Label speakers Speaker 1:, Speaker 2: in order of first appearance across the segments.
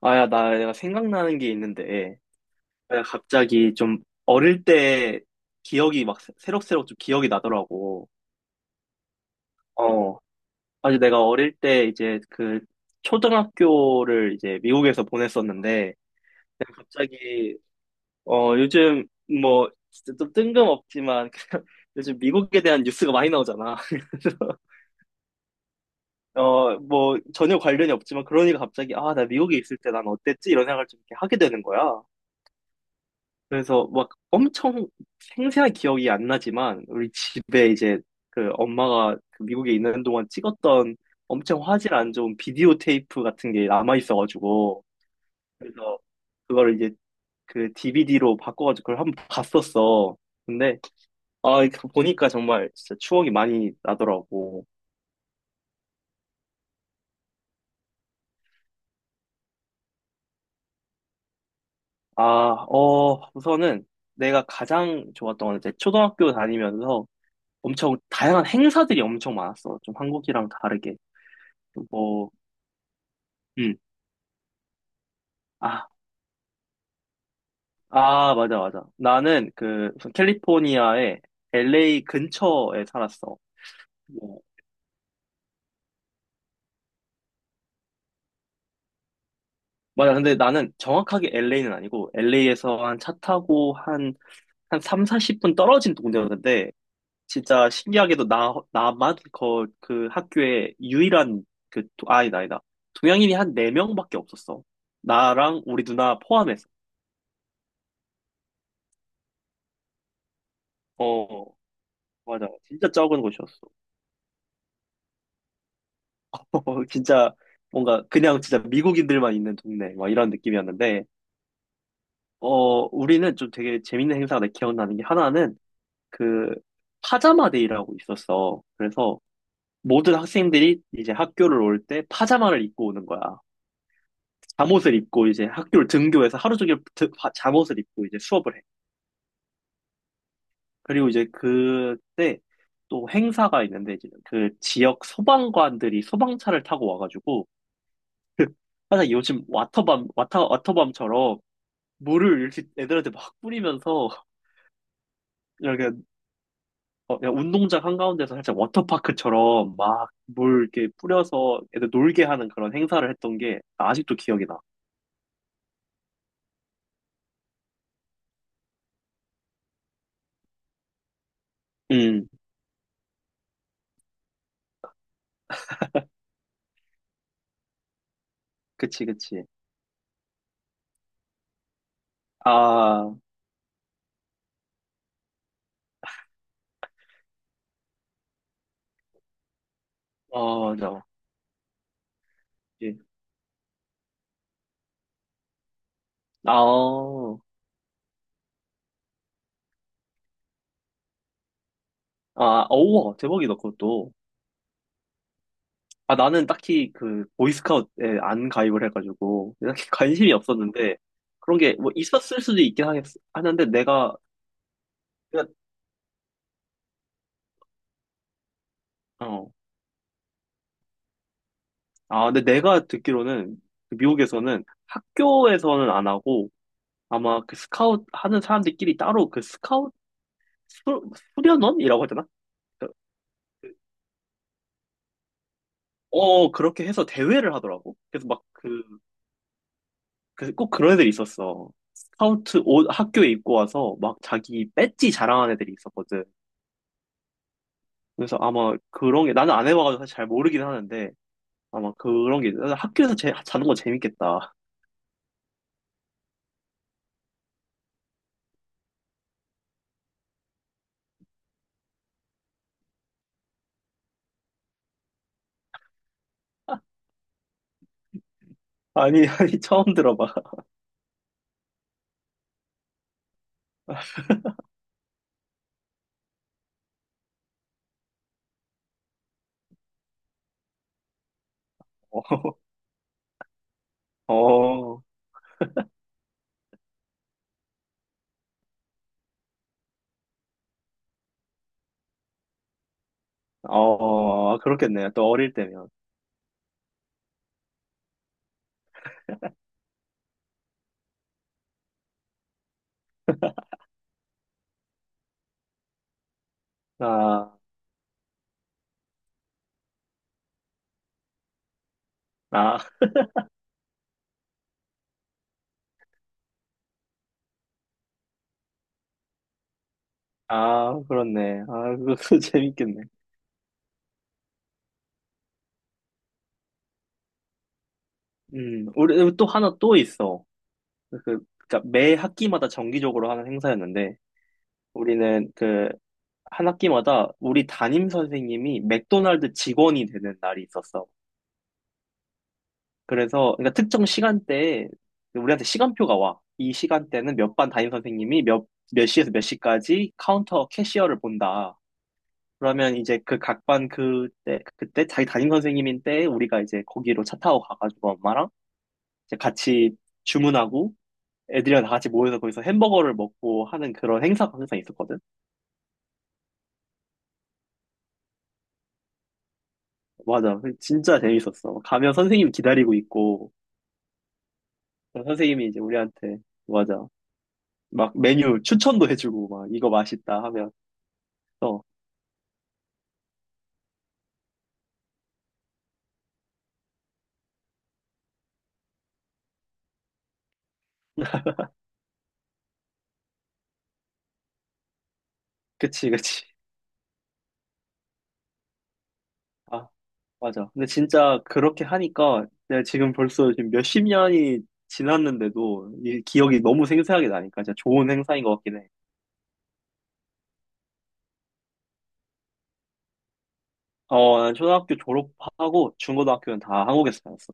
Speaker 1: 아, 야, 나 내가 생각나는 게 있는데, 내가 갑자기 좀 어릴 때 기억이 막 새록새록 좀 기억이 나더라고. 어. 아주 내가 어릴 때 이제 그 초등학교를 이제 미국에서 보냈었는데, 내가 갑자기, 요즘 뭐, 진짜 좀 뜬금없지만, 요즘 미국에 대한 뉴스가 많이 나오잖아. 그래서 뭐, 전혀 관련이 없지만, 그러니까 갑자기, 아, 나 미국에 있을 때 난 어땠지? 이런 생각을 좀 이렇게 하게 되는 거야. 그래서 막 엄청 생생한 기억이 안 나지만 우리 집에 이제 그 엄마가 그 미국에 있는 동안 찍었던 엄청 화질 안 좋은 비디오 테이프 같은 게 남아 있어가지고 그래서 그거를 이제 그 DVD로 바꿔가지고 그걸 한번 봤었어. 근데 아이 보니까 정말 진짜 추억이 많이 나더라고. 아, 우선은 내가 가장 좋았던 건 이제 초등학교 다니면서 엄청 다양한 행사들이 엄청 많았어. 좀 한국이랑 다르게. 뭐. 음. 아, 아, 맞아, 맞아. 나는 그 우선 캘리포니아의 LA 근처에 살았어. 뭐, 맞아. 근데 나는 정확하게 LA는 아니고 LA에서 한 차 타고 한삼 40분 떨어진 동네였는데 진짜 신기하게도 나만 그 학교에 유일한 아, 아니다, 아니다. 동양인이 한 4명밖에 없었어. 나랑 우리 누나 포함해서. 어, 맞아. 진짜 적은 곳이었어. 어, 진짜 뭔가 그냥 진짜 미국인들만 있는 동네 막 이런 느낌이었는데 우리는 좀 되게 재밌는 행사가 기억나는 게 하나는 그 파자마 데이라고 있었어. 그래서 모든 학생들이 이제 학교를 올 때 파자마를 입고 오는 거야. 잠옷을 입고 이제 학교를 등교해서 하루 종일 잠옷을 입고 이제 수업을 해. 그리고 이제 그때 또 행사가 있는데 이제 그 지역 소방관들이 소방차를 타고 와가지고 항상 요즘 와터밤처럼 물을 이렇게 애들한테 막 뿌리면서 이렇게 어, 그냥 운동장 한가운데서 살짝 워터파크처럼 막 물 이렇게 뿌려서 애들 놀게 하는 그런 행사를 했던 게 아직도 기억이 나. 음, 그치, 그치. 아, 맞아. 예. 아, 아, 어우와, 대박이다, 그것도. 아, 나는 딱히 보이스카우트에 안 가입을 해가지고, 딱히 관심이 없었는데, 그런 게 뭐 있었을 수도 있긴 하는데, 내가, 그냥, 어, 아, 근데 내가 듣기로는 그 미국에서는 학교에서는 안 하고 아마 그 스카웃 하는 사람들끼리 따로 그 스카웃 수, 수련원이라고 하잖아? 그- 그렇게 해서 대회를 하더라고. 그래서 막 꼭 그런 애들이 있었어. 스카우트 옷 학교에 입고 와서 막 자기 배지 자랑하는 애들이 있었거든. 그래서 아마 그런 게 나는 안 해봐가지고 사실 잘 모르긴 하는데 아마 그런 게 학교에서 자는 거 재밌겠다. 아니, 아니, 처음 들어봐. 어, 어. 어, 그렇겠네요. 또 어릴 때면. 아, 아, 아, 그렇네. 아, 그것도 재밌겠네. 우리 또 하나 또 있어. 그, 그러니까 매 학기마다 정기적으로 하는 행사였는데, 우리는 한 학기마다 우리 담임 선생님이 맥도날드 직원이 되는 날이 있었어. 그래서, 그러니까 특정 시간대에 우리한테 시간표가 와. 이 시간대는 몇 반 담임 선생님이 몇 시에서 몇 시까지 카운터 캐시어를 본다. 그러면 이제 그 각반 그때 그때 자기 담임 선생님인 때 우리가 이제 거기로 차 타고 가가지고 엄마랑 이제 같이 주문하고 애들이랑 다 같이 모여서 거기서 햄버거를 먹고 하는 그런 행사가 항상 있었거든. 맞아, 진짜 재밌었어. 가면 선생님 기다리고 있고 선생님이 이제 우리한테, 맞아, 막 메뉴 추천도 해주고 막 이거 맛있다 하면, 어, 그치, 그치. 아, 맞아. 근데 진짜 그렇게 하니까 내가 지금 벌써 지금 몇십 년이 지났는데도 이 기억이 너무 생생하게 나니까 진짜 좋은 행사인 것 같긴 해. 어, 난 초등학교 졸업하고 중고등학교는 다 한국에서 다녔어.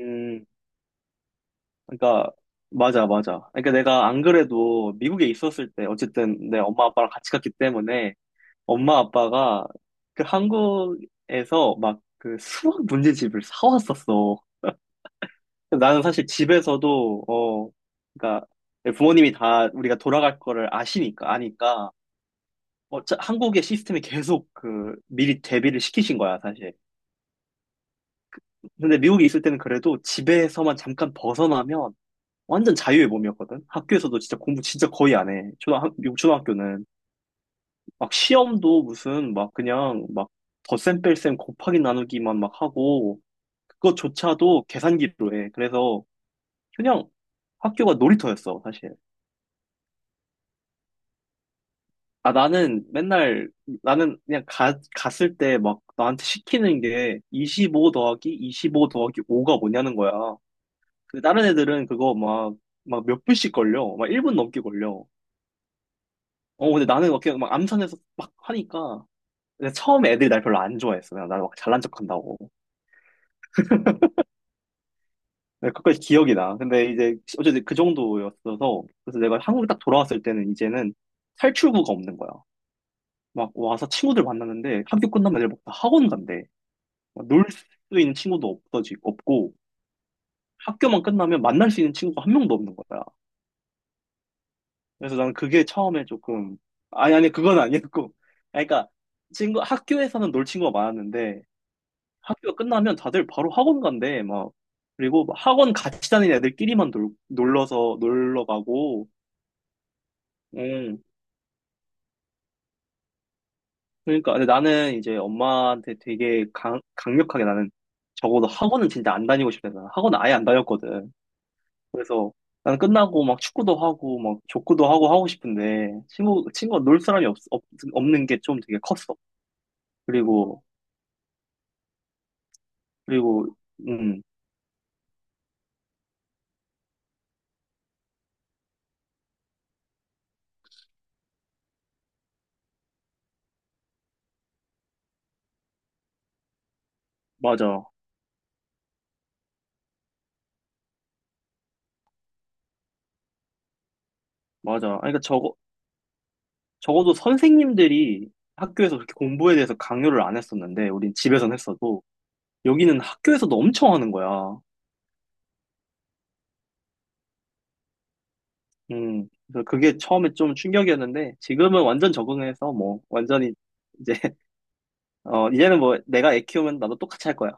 Speaker 1: 음, 그러니까 맞아, 맞아. 그러니까 내가 안 그래도 미국에 있었을 때 어쨌든 내 엄마 아빠랑 같이 갔기 때문에 엄마 아빠가 그 한국에서 막 그 수학 문제집을 사왔었어. 나는 사실 집에서도, 어, 그러니까 부모님이 다 우리가 돌아갈 거를 아시니까, 아니까, 어, 한국의 시스템이 계속 그, 미리 대비를 시키신 거야, 사실. 근데 미국에 있을 때는 그래도 집에서만 잠깐 벗어나면 완전 자유의 몸이었거든? 학교에서도 진짜 공부 진짜 거의 안 해. 미국 초등학교는. 막 시험도 무슨 막 그냥 막 덧셈 뺄셈 곱하기 나누기만 막 하고, 그것조차도 계산기로 해. 그래서 그냥 학교가 놀이터였어, 사실. 아, 나는 맨날, 나는 그냥 갔을 때 막 나한테 시키는 게 25 더하기 25 더하기 5가 뭐냐는 거야. 근데 다른 애들은 그거 막, 막 몇 분씩 걸려. 막 1분 넘게 걸려. 어, 근데 나는 막 그냥 막 암산해서 막 하니까. 근데 처음에 애들이 날 별로 안 좋아했어. 그냥 나막 잘난 척 한다고. 근데 그까지 기억이 나. 근데 이제, 어쨌든 그 정도였어서. 그래서 내가 한국에 딱 돌아왔을 때는 이제는 탈출구가 없는 거야. 막 와서 친구들 만났는데 학교 끝나면 애들 막다 학원 간대. 놀 수 있는 친구도 없고, 학교만 끝나면 만날 수 있는 친구가 한 명도 없는 거야. 그래서 나는 그게 처음에 조금, 아니, 아니, 그건 아니었고. 아니, 그러니까, 친구, 학교에서는 놀 친구가 많았는데, 학교가 끝나면 다들 바로 학원 간대, 막. 그리고 막 학원 같이 다니는 애들끼리만 놀러서, 놀러 가고. 음. 그러니까, 근데 나는 이제 엄마한테 되게 강력하게 나는 적어도 학원은 진짜 안 다니고 싶다. 나는 학원 아예 안 다녔거든. 그래서 난 끝나고 막 축구도 하고 막 족구도 하고 하고 싶은데 친구가 놀 사람이 없, 없 없는 게 좀 되게 컸어. 그리고 그리고 음, 맞아, 맞아. 아니, 그러니까 적어도 선생님들이 학교에서 그렇게 공부에 대해서 강요를 안 했었는데 우린 집에선 했어도 여기는 학교에서도 엄청 하는 거야. 음, 그래서 그게 처음에 좀 충격이었는데 지금은 완전 적응해서 뭐 완전히 이제 어, 이제는 뭐 내가 애 키우면 나도 똑같이 할 거야.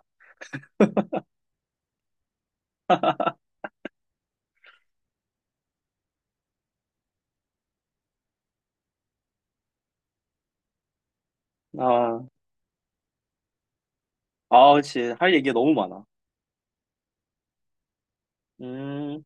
Speaker 1: 아, 아, 그치. 할 얘기가 너무 많아. 음,